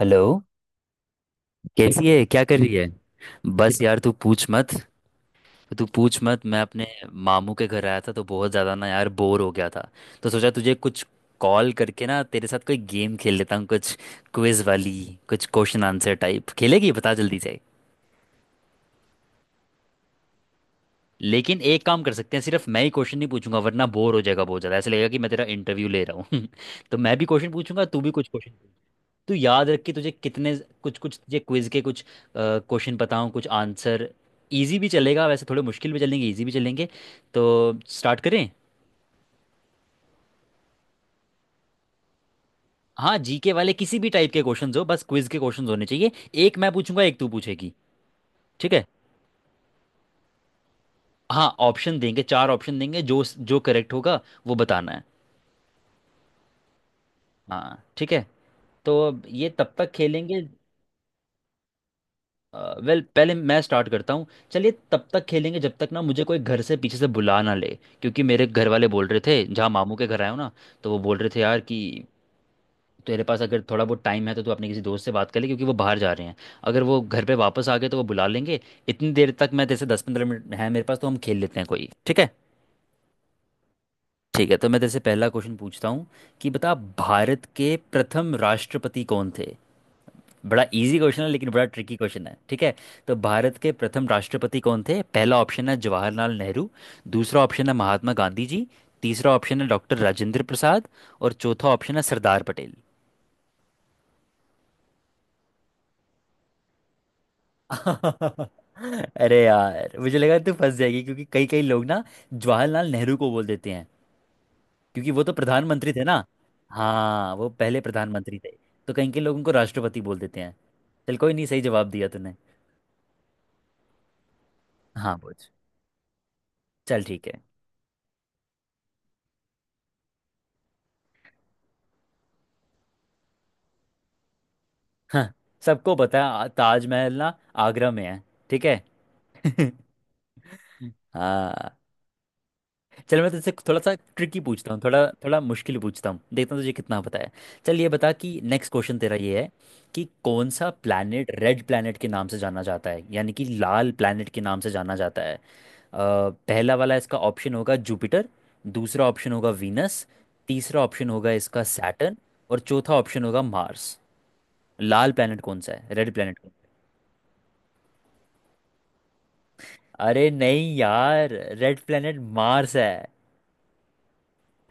Hello. कैसी है, क्या कर रही है? बस यार तू पूछ मत। मैं अपने मामू के घर आया था तो बहुत ज़्यादा ना यार बोर हो गया था। तो सोचा तुझे कुछ कॉल करके ना तेरे साथ कोई गेम खेल लेता हूँ, कुछ क्विज वाली, कुछ क्वेश्चन आंसर टाइप। खेलेगी? बता जल्दी से। लेकिन एक काम कर सकते हैं, सिर्फ मैं ही क्वेश्चन नहीं पूछूंगा, वरना बोर हो जाएगा बहुत ज़्यादा, ऐसा लगेगा कि मैं तेरा इंटरव्यू ले रहा हूँ तो मैं भी क्वेश्चन पूछूंगा, तू भी कुछ क्वेश्चन। तू याद रख कि तुझे कितने कुछ कुछ तुझे क्विज के कुछ क्वेश्चन बताऊं, कुछ आंसर। इजी भी चलेगा, वैसे थोड़े मुश्किल भी चलेंगे, इजी भी चलेंगे। तो स्टार्ट करें? हाँ, जीके वाले किसी भी टाइप के क्वेश्चंस हो, बस क्विज के क्वेश्चंस होने चाहिए। एक मैं पूछूंगा, एक तू पूछेगी। ठीक है। हाँ, ऑप्शन देंगे, चार ऑप्शन देंगे, जो जो करेक्ट होगा वो बताना है। हाँ ठीक है। तो अब ये तब तक खेलेंगे। वेल, पहले मैं स्टार्ट करता हूँ। चलिए, तब तक खेलेंगे जब तक ना मुझे कोई घर से पीछे से बुला ना ले। क्योंकि मेरे घर वाले बोल रहे थे, जहाँ मामू के घर आया हूँ ना, तो वो बोल रहे थे यार कि तेरे पास अगर थोड़ा बहुत टाइम है तो तू अपने किसी दोस्त से बात कर ले, क्योंकि वो बाहर जा रहे हैं। अगर वो घर पे वापस आ गए तो वो बुला लेंगे। इतनी देर तक, मैं जैसे 10 15 मिनट है मेरे पास, तो हम खेल लेते हैं कोई। ठीक है? ठीक है, तो मैं जैसे पहला क्वेश्चन पूछता हूँ, कि बता, भारत के प्रथम राष्ट्रपति कौन थे? बड़ा इजी क्वेश्चन है लेकिन बड़ा ट्रिकी क्वेश्चन है, ठीक है? तो भारत के प्रथम राष्ट्रपति कौन थे? पहला ऑप्शन है जवाहरलाल नेहरू, दूसरा ऑप्शन है महात्मा गांधी जी, तीसरा ऑप्शन है डॉक्टर राजेंद्र प्रसाद, और चौथा ऑप्शन है सरदार पटेल। अरे यार, मुझे लगा तू फंस जाएगी, क्योंकि कई कई लोग ना जवाहरलाल नेहरू को बोल देते हैं, क्योंकि वो तो प्रधानमंत्री थे ना। हाँ वो पहले प्रधानमंत्री थे, तो कई कई लोग उनको राष्ट्रपति बोल देते हैं। चल कोई नहीं, सही जवाब दिया तूने। हाँ पूछ, चल ठीक है। हाँ, सबको पता है, ताजमहल ना आगरा में है। ठीक है। हाँ, चल मैं तुझसे थोड़ा सा ट्रिकी पूछता हूँ, थोड़ा थोड़ा मुश्किल पूछता हूँ, देखता हूँ तुझे कितना पता है। चल ये बता कि नेक्स्ट क्वेश्चन तेरा ये है कि कौन सा प्लैनेट रेड प्लैनेट के नाम से जाना जाता है, यानी कि लाल प्लैनेट के नाम से जाना जाता है। पहला वाला इसका ऑप्शन होगा जुपिटर, दूसरा ऑप्शन होगा वीनस, तीसरा ऑप्शन होगा इसका सैटर्न, और चौथा ऑप्शन होगा मार्स। लाल प्लैनेट कौन सा है, रेड प्लैनेट? अरे नहीं यार, रेड प्लेनेट मार्स है।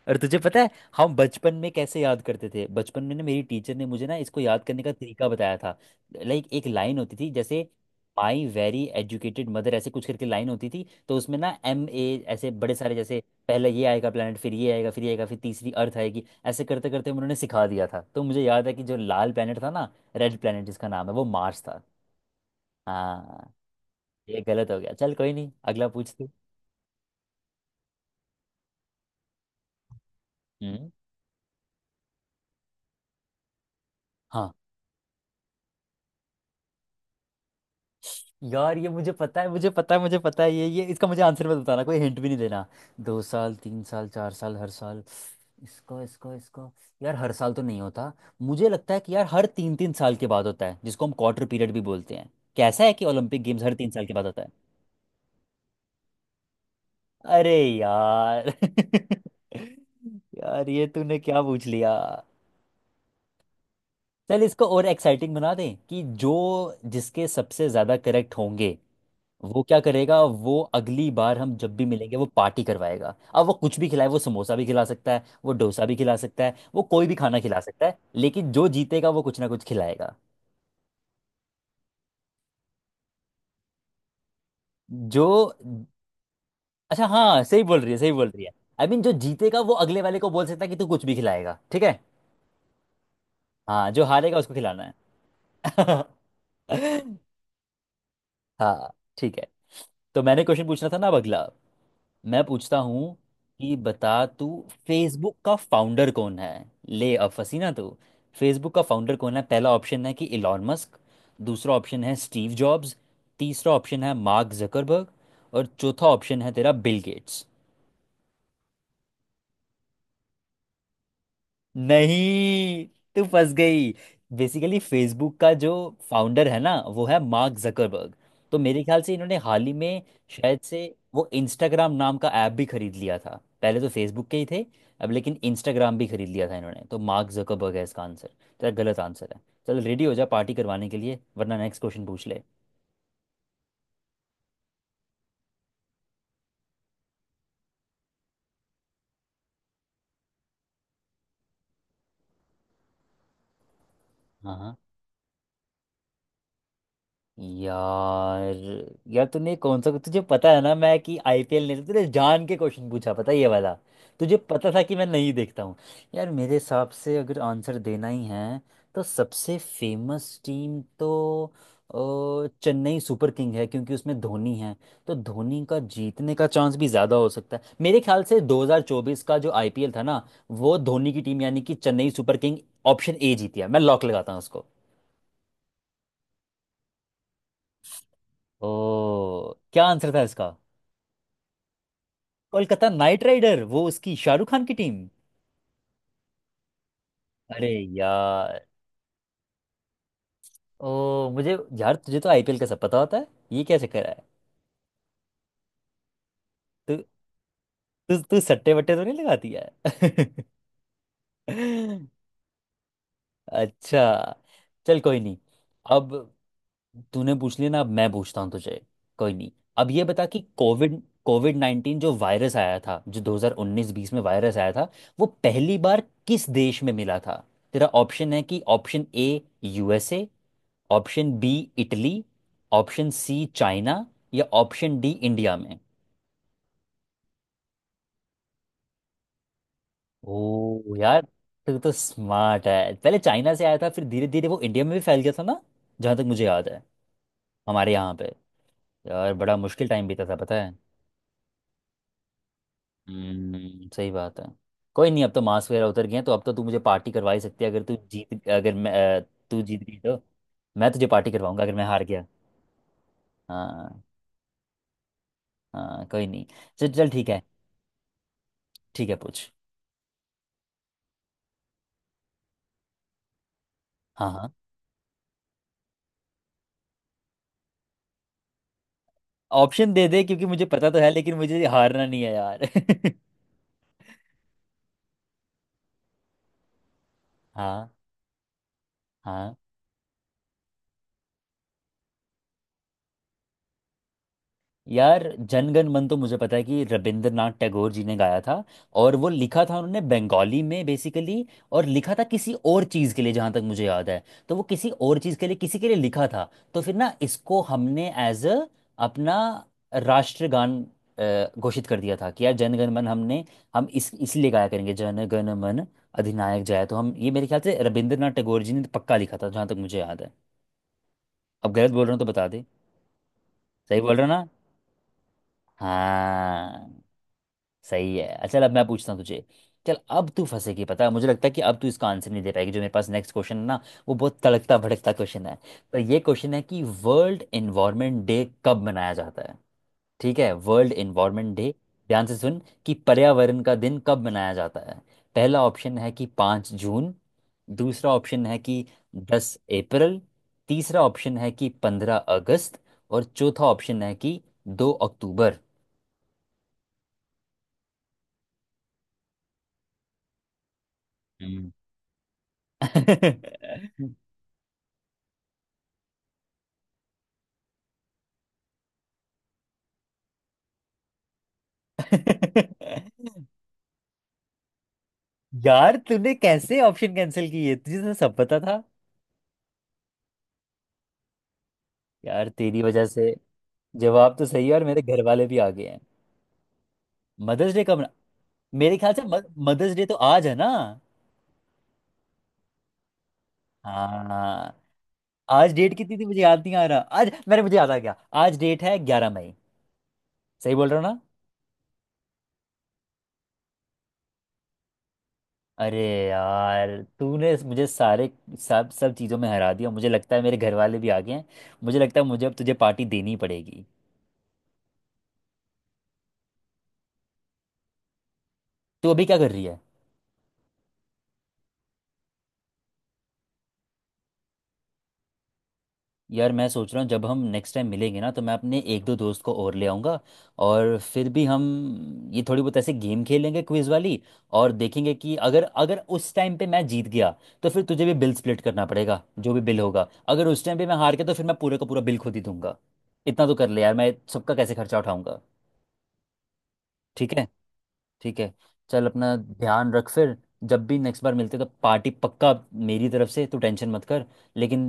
और तुझे पता है हम बचपन में कैसे याद करते थे? बचपन में ना मेरी टीचर ने मुझे ना इसको याद करने का तरीका बताया था। लाइक एक लाइन होती थी, जैसे माई वेरी एजुकेटेड मदर, ऐसे कुछ करके लाइन होती थी, तो उसमें ना एम ए ऐसे बड़े सारे, जैसे पहले ये आएगा planet, फिर ये आएगा, फिर ये आएगा, फिर तीसरी अर्थ आएगी, ऐसे करते करते उन्होंने सिखा दिया था। तो मुझे याद है कि जो लाल planet था ना, रेड planet जिसका नाम है, वो मार्स था। हाँ, ये गलत हो गया, चल कोई नहीं, अगला पूछ तू। हम्म। हाँ यार ये मुझे पता है, ये इसका मुझे आंसर मत बताना, कोई हिंट भी नहीं देना। दो साल, तीन साल, चार साल, हर साल। इसका इसका इसका यार, हर साल तो नहीं होता। मुझे लगता है कि यार हर तीन तीन साल के बाद होता है, जिसको हम क्वार्टर पीरियड भी बोलते हैं। कैसा है कि ओलंपिक गेम्स हर तीन साल के बाद होता है? अरे यार यार ये तूने क्या पूछ लिया। चल इसको और एक्साइटिंग बना दें, कि जो जिसके सबसे ज्यादा करेक्ट होंगे वो क्या करेगा, वो अगली बार हम जब भी मिलेंगे वो पार्टी करवाएगा। अब वो कुछ भी खिलाए, वो समोसा भी खिला सकता है, वो डोसा भी खिला सकता है, वो कोई भी खाना खिला सकता है, लेकिन जो जीतेगा वो कुछ ना कुछ खिलाएगा। जो, अच्छा हाँ, सही बोल रही है, सही बोल रही है। आई मीन जो जीतेगा वो अगले वाले को बोल सकता है कि तू कुछ भी खिलाएगा, ठीक है? हाँ, जो हारेगा उसको खिलाना है। हाँ ठीक है। तो मैंने क्वेश्चन पूछना था ना, अब अगला मैं पूछता हूँ, कि बता तू, फेसबुक का फाउंडर कौन है? ले, अब फंसी ना तू। फेसबुक का फाउंडर कौन है? पहला ऑप्शन है कि इलॉन मस्क, दूसरा ऑप्शन है स्टीव जॉब्स, तीसरा ऑप्शन है मार्क जकरबर्ग, और चौथा ऑप्शन है तेरा बिल गेट्स। नहीं, तू फंस गई। बेसिकली फेसबुक का जो फाउंडर है ना वो है मार्क जकरबर्ग। तो मेरे ख्याल से इन्होंने हाल ही में, शायद से, वो इंस्टाग्राम नाम का ऐप भी खरीद लिया था, पहले तो फेसबुक के ही थे, अब लेकिन इंस्टाग्राम भी खरीद लिया था इन्होंने। तो मार्क जकरबर्ग है इसका आंसर, तेरा गलत आंसर है। चल, रेडी हो जा पार्टी करवाने के लिए, वरना नेक्स्ट क्वेश्चन पूछ ले। हाँ हाँ। यार, यार तूने कौन सा, तुझे पता है ना मैं कि आईपीएल नहीं, तूने जान के क्वेश्चन पूछा, पता है, ये वाला तुझे पता था कि मैं नहीं देखता हूँ। यार मेरे हिसाब से अगर आंसर देना ही है, तो सबसे फेमस टीम तो, चेन्नई सुपर किंग है, क्योंकि उसमें धोनी है। तो धोनी का जीतने का चांस भी ज़्यादा हो सकता है। मेरे ख्याल से 2024 का जो आईपीएल था ना, वो धोनी की टीम यानी कि Chennai super king, option A जीती है। मैं लॉक लगाता हूँ उसको। ओ, क्या आंसर था इसका? कोलकाता नाइट राइडर, वो उसकी शाहरुख खान की टीम। अरे यार। ओ, मुझे यार तुझे तो आईपीएल का सब पता होता है, ये क्या चक्कर है? तू तू तू सट्टे वट्टे तो नहीं लगाती है? अच्छा, चल कोई नहीं। अब तूने पूछ लिया ना, अब मैं पूछता हूँ तुझे। कोई नहीं, अब ये बता कि कोविड, कोविड नाइन्टीन जो वायरस आया था, जो 2019-20 में वायरस आया था, वो पहली बार किस देश में मिला था? तेरा ऑप्शन है कि option A USA, option B Italy, option C China, या ऑप्शन डी इंडिया में। ओ यार, तू तो स्मार्ट है। पहले चाइना से आया था, फिर धीरे धीरे वो इंडिया में भी फैल गया था ना, जहाँ तक मुझे याद है। हमारे यहाँ पे यार बड़ा मुश्किल टाइम बीता था, पता है। हम्म, सही बात है। कोई नहीं, अब तो मास्क वगैरह उतर गए हैं, तो अब तो तू मुझे पार्टी करवा ही सकती है, अगर तू जीत, अगर मैं, अ, तू जीत गई तो मैं तुझे पार्टी करवाऊंगा, अगर मैं हार गया। हाँ हाँ, कोई नहीं, चल चल ठीक है। ठीक है पूछ। हाँ हाँ, ऑप्शन दे दे, क्योंकि मुझे पता तो है, लेकिन मुझे हारना नहीं है यार हाँ हाँ। यार जनगण मन तो मुझे पता है कि रविंद्रनाथ टैगोर जी ने गाया था। और वो लिखा था उन्होंने बंगाली में बेसिकली। और लिखा था किसी और चीज़ के लिए, जहाँ तक मुझे याद है। तो वो किसी और चीज़ के लिए, किसी के लिए लिखा था। तो फिर ना इसको हमने एज अ अपना राष्ट्रगान घोषित कर दिया था कि यार जनगण मन हमने, हम इस इसलिए गाया करेंगे, जनगण मन अधिनायक जय। तो हम ये मेरे ख्याल से रविंद्रनाथ टैगोर जी ने पक्का लिखा था, जहाँ तक मुझे याद है। अब गलत बोल रहा हूँ तो बता दे। सही बोल रहा? हाँ, सही है। अच्छा चल, अब मैं पूछता हूँ तुझे। चल, अब तू फंसेगी, पता है मुझे लगता है कि अब तू इसका आंसर नहीं दे पाएगी। जो मेरे पास नेक्स्ट क्वेश्चन है ना, वो बहुत तड़कता भड़कता क्वेश्चन है। तो ये क्वेश्चन है कि वर्ल्ड एनवायरनमेंट डे कब मनाया जाता है? ठीक है, वर्ल्ड एनवायरनमेंट डे, ध्यान से सुन, कि पर्यावरण का दिन कब मनाया जाता है? पहला ऑप्शन है कि 5 जून, दूसरा ऑप्शन है कि 10 अप्रैल, तीसरा ऑप्शन है कि 15 अगस्त, और चौथा ऑप्शन है कि 2 अक्टूबर। हम्म, यार तूने कैसे ऑप्शन कैंसिल किए, तुझे तो सब पता था। यार तेरी वजह से, जवाब तो सही है, और मेरे घर वाले भी आ गए हैं। मदर्स डे कब? मेरे ख्याल से मदर्स डे तो आज है ना। हाँ। आज डेट कितनी थी, मुझे याद नहीं आ रहा। आज, मेरे, मुझे याद आ गया, आज डेट है 11 मई। सही बोल रहा हूँ ना? अरे यार, तूने मुझे सारे, सब सब चीज़ों में हरा दिया। मुझे लगता है मेरे घर वाले भी आ गए हैं, मुझे लगता है मुझे अब तुझे पार्टी देनी पड़ेगी। तो अभी क्या कर रही है? यार मैं सोच रहा हूँ जब हम नेक्स्ट टाइम मिलेंगे ना, तो मैं अपने एक दो दोस्त को और ले आऊँगा, और फिर भी हम ये थोड़ी बहुत ऐसे गेम खेलेंगे, क्विज वाली। और देखेंगे कि अगर, अगर उस टाइम पे मैं जीत गया तो फिर तुझे भी बिल स्प्लिट करना पड़ेगा, जो भी बिल होगा। अगर उस टाइम पे मैं हार गया तो फिर मैं पूरे का पूरा बिल खुद ही दूंगा। इतना तो कर ले यार, मैं सबका कैसे खर्चा उठाऊंगा? ठीक है। ठीक है, चल अपना ध्यान रख फिर। जब भी नेक्स्ट बार मिलते तो पार्टी पक्का, मेरी तरफ से तू टेंशन मत कर। लेकिन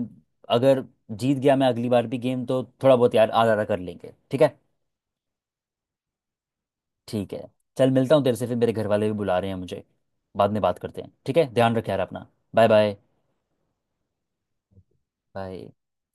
अगर जीत गया मैं अगली बार भी गेम, तो थोड़ा बहुत यार आधा आधा कर लेंगे, ठीक है? ठीक है। चल, मिलता हूँ तेरे से फिर, मेरे घर वाले भी बुला रहे हैं मुझे, बाद में बात करते हैं। ठीक है, ध्यान रख यार अपना। Bye bye. बाय।